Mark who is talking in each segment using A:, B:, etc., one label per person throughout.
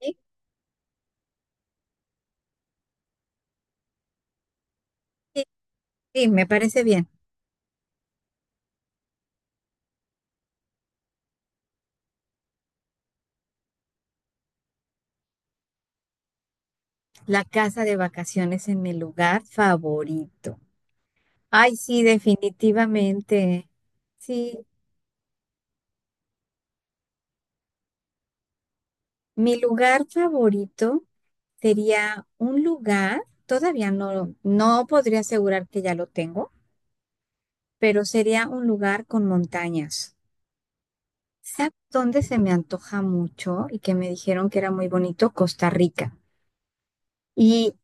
A: Sí, sí, sí, me parece bien. La casa de vacaciones en mi lugar favorito. Ay, sí, definitivamente. Sí, mi lugar favorito sería un lugar, todavía no podría asegurar que ya lo tengo, pero sería un lugar con montañas. ¿Sabes dónde se me antoja mucho y que me dijeron que era muy bonito? Costa Rica. Y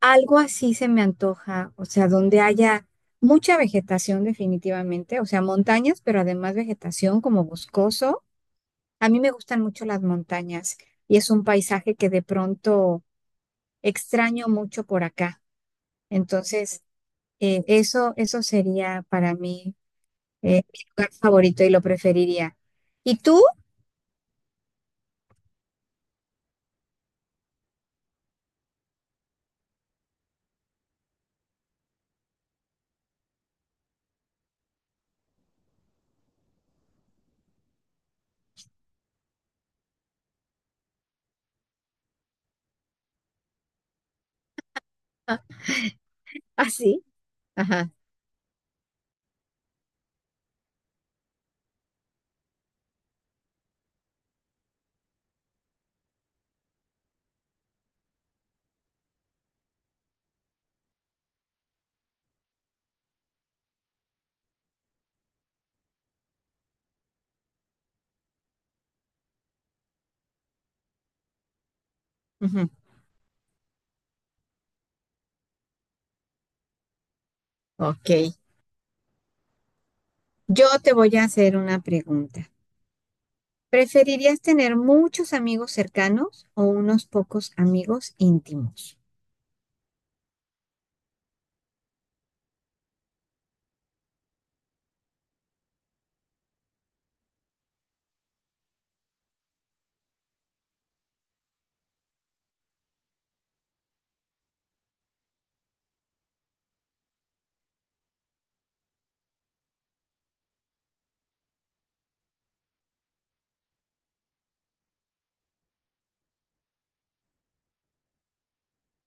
A: algo así se me antoja, o sea, donde haya mucha vegetación definitivamente, o sea, montañas, pero además vegetación como boscoso. A mí me gustan mucho las montañas y es un paisaje que de pronto extraño mucho por acá. Entonces, eso sería para mí, mi lugar favorito y lo preferiría. ¿Y tú? Ah, ah, sí. Ajá. Ujú. Ok. Yo te voy a hacer una pregunta. ¿Preferirías tener muchos amigos cercanos o unos pocos amigos íntimos?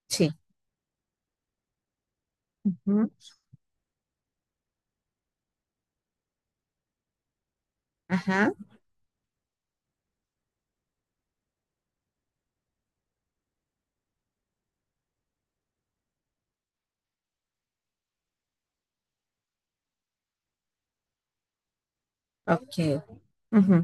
A: Sí. Ujú. Ajá. Ok. Ujú.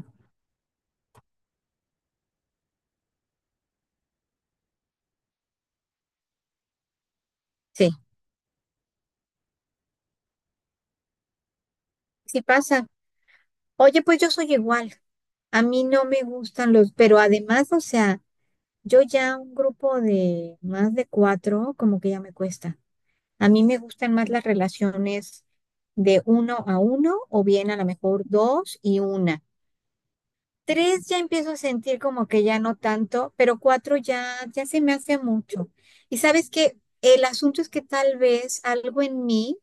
A: Sí. Sí pasa. Oye, pues yo soy igual. A mí no me gustan los, pero además, o sea, yo ya un grupo de más de cuatro, como que ya me cuesta. A mí me gustan más las relaciones de uno a uno o bien a lo mejor dos y una. Tres ya empiezo a sentir como que ya no tanto, pero cuatro ya, ya se me hace mucho. Y sabes que el asunto es que tal vez algo en mí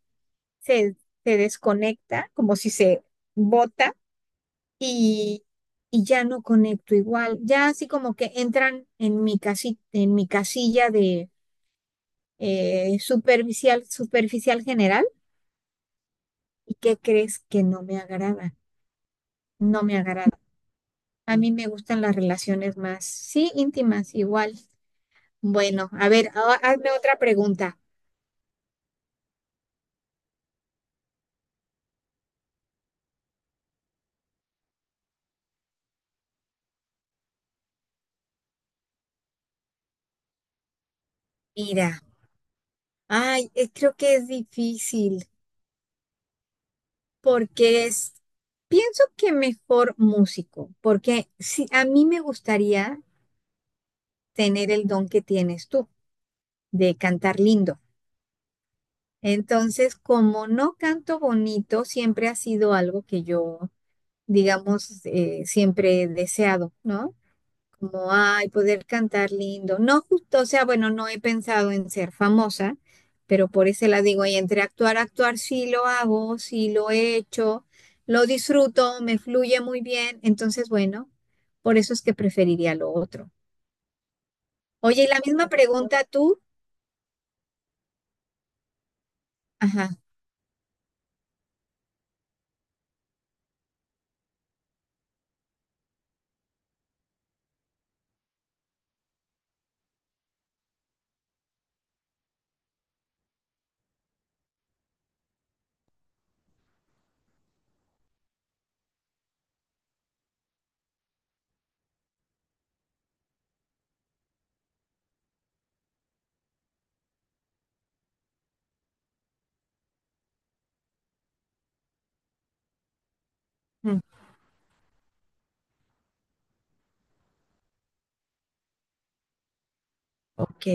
A: se, se desconecta, como si se bota y, y ya no conecto igual. Ya así como que entran en mi casi, en mi casilla de superficial, superficial general. ¿Y qué crees que no me agrada? No me agrada. A mí me gustan las relaciones más, sí, íntimas, igual. Bueno, a ver, hazme otra pregunta. Mira, ay, creo que es difícil porque es, pienso que mejor músico, porque si a mí me gustaría tener el don que tienes tú de cantar lindo. Entonces, como no canto bonito, siempre ha sido algo que yo, digamos, siempre he deseado, ¿no? Como, ay, poder cantar lindo. No justo, o sea, bueno, no he pensado en ser famosa, pero por eso la digo, y entre actuar, actuar sí lo hago, sí lo he hecho, lo disfruto, me fluye muy bien. Entonces, bueno, por eso es que preferiría lo otro. Oye, y la misma pregunta tú. Ajá. Mm. Ok.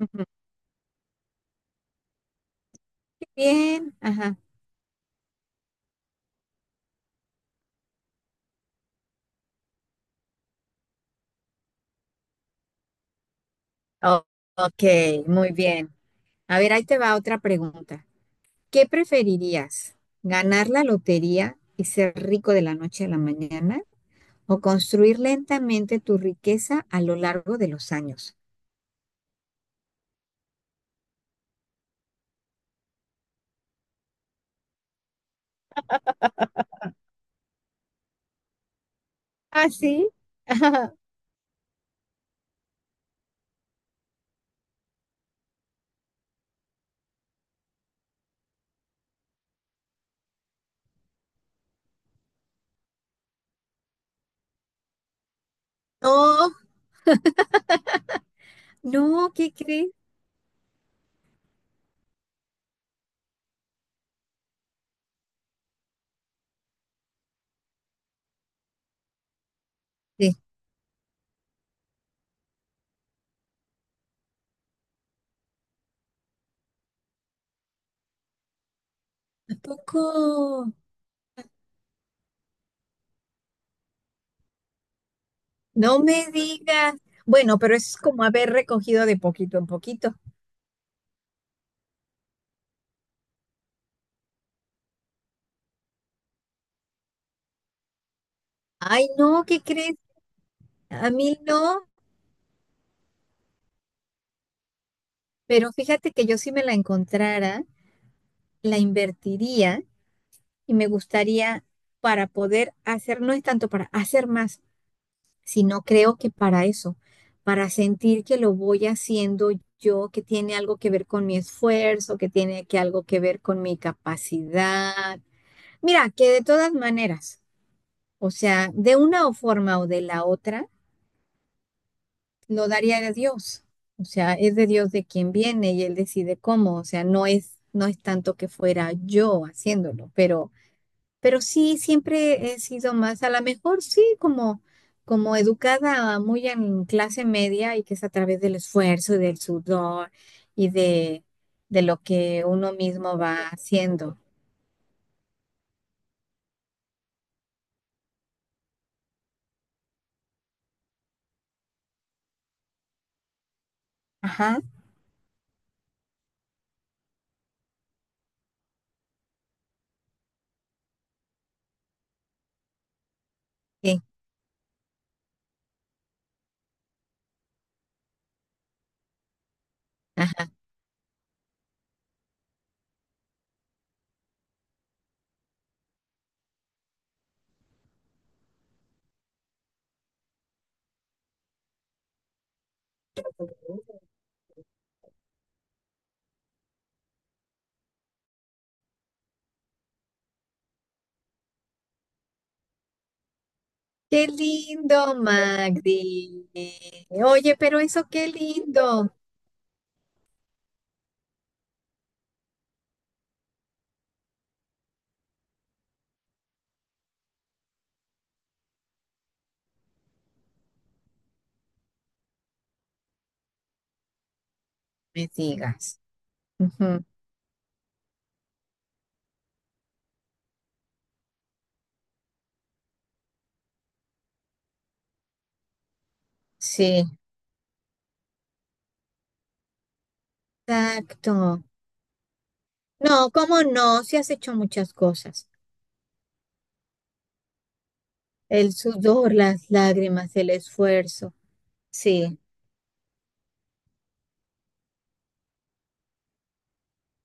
A: Ujú. Bien, ajá. o- ok, muy bien. A ver, ahí te va otra pregunta. ¿Qué preferirías? ¿Ganar la lotería y ser rico de la noche a la mañana? ¿O construir lentamente tu riqueza a lo largo de los años? ¿Ah, sí? No, no, ¿qué crees? Tampoco, no me digas. Bueno, pero eso es como haber recogido de poquito en poquito. Ay, no, ¿qué crees? A mí no, pero fíjate que yo si me la encontrara, la invertiría y me gustaría para poder hacer, no es tanto para hacer más, sino creo que para eso, para sentir que lo voy haciendo yo, que tiene algo que ver con mi esfuerzo, que tiene que algo que ver con mi capacidad. Mira, que de todas maneras, o sea, de una o forma o de la otra, lo daría a Dios. O sea, es de Dios de quien viene y él decide cómo. O sea, no es tanto que fuera yo haciéndolo, pero. Pero sí, siempre he sido más, a lo mejor sí, como educada muy en clase media y que es a través del esfuerzo y del sudor y de lo que uno mismo va haciendo. Ajá. Sí, ajá. Qué lindo, Magdi. Oye, pero eso qué lindo. Me digas. Ujú. Sí, exacto. No, cómo no, si has hecho muchas cosas. El sudor, las lágrimas, el esfuerzo. Sí,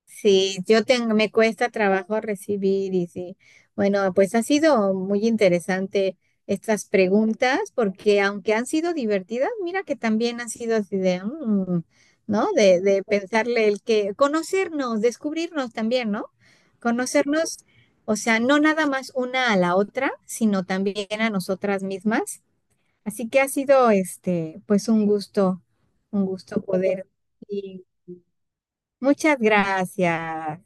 A: sí, yo tengo, me cuesta trabajo recibir y sí. Bueno, pues ha sido muy interesante estas preguntas porque aunque han sido divertidas, mira que también han sido así de, ¿no? De pensarle el que, conocernos, descubrirnos también, ¿no? Conocernos, o sea, no nada más una a la otra, sino también a nosotras mismas. Así que ha sido, este, pues un gusto poder. Y muchas gracias.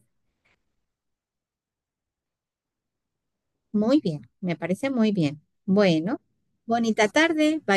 A: Muy bien, me parece muy bien. Bueno, bonita tarde. Bye.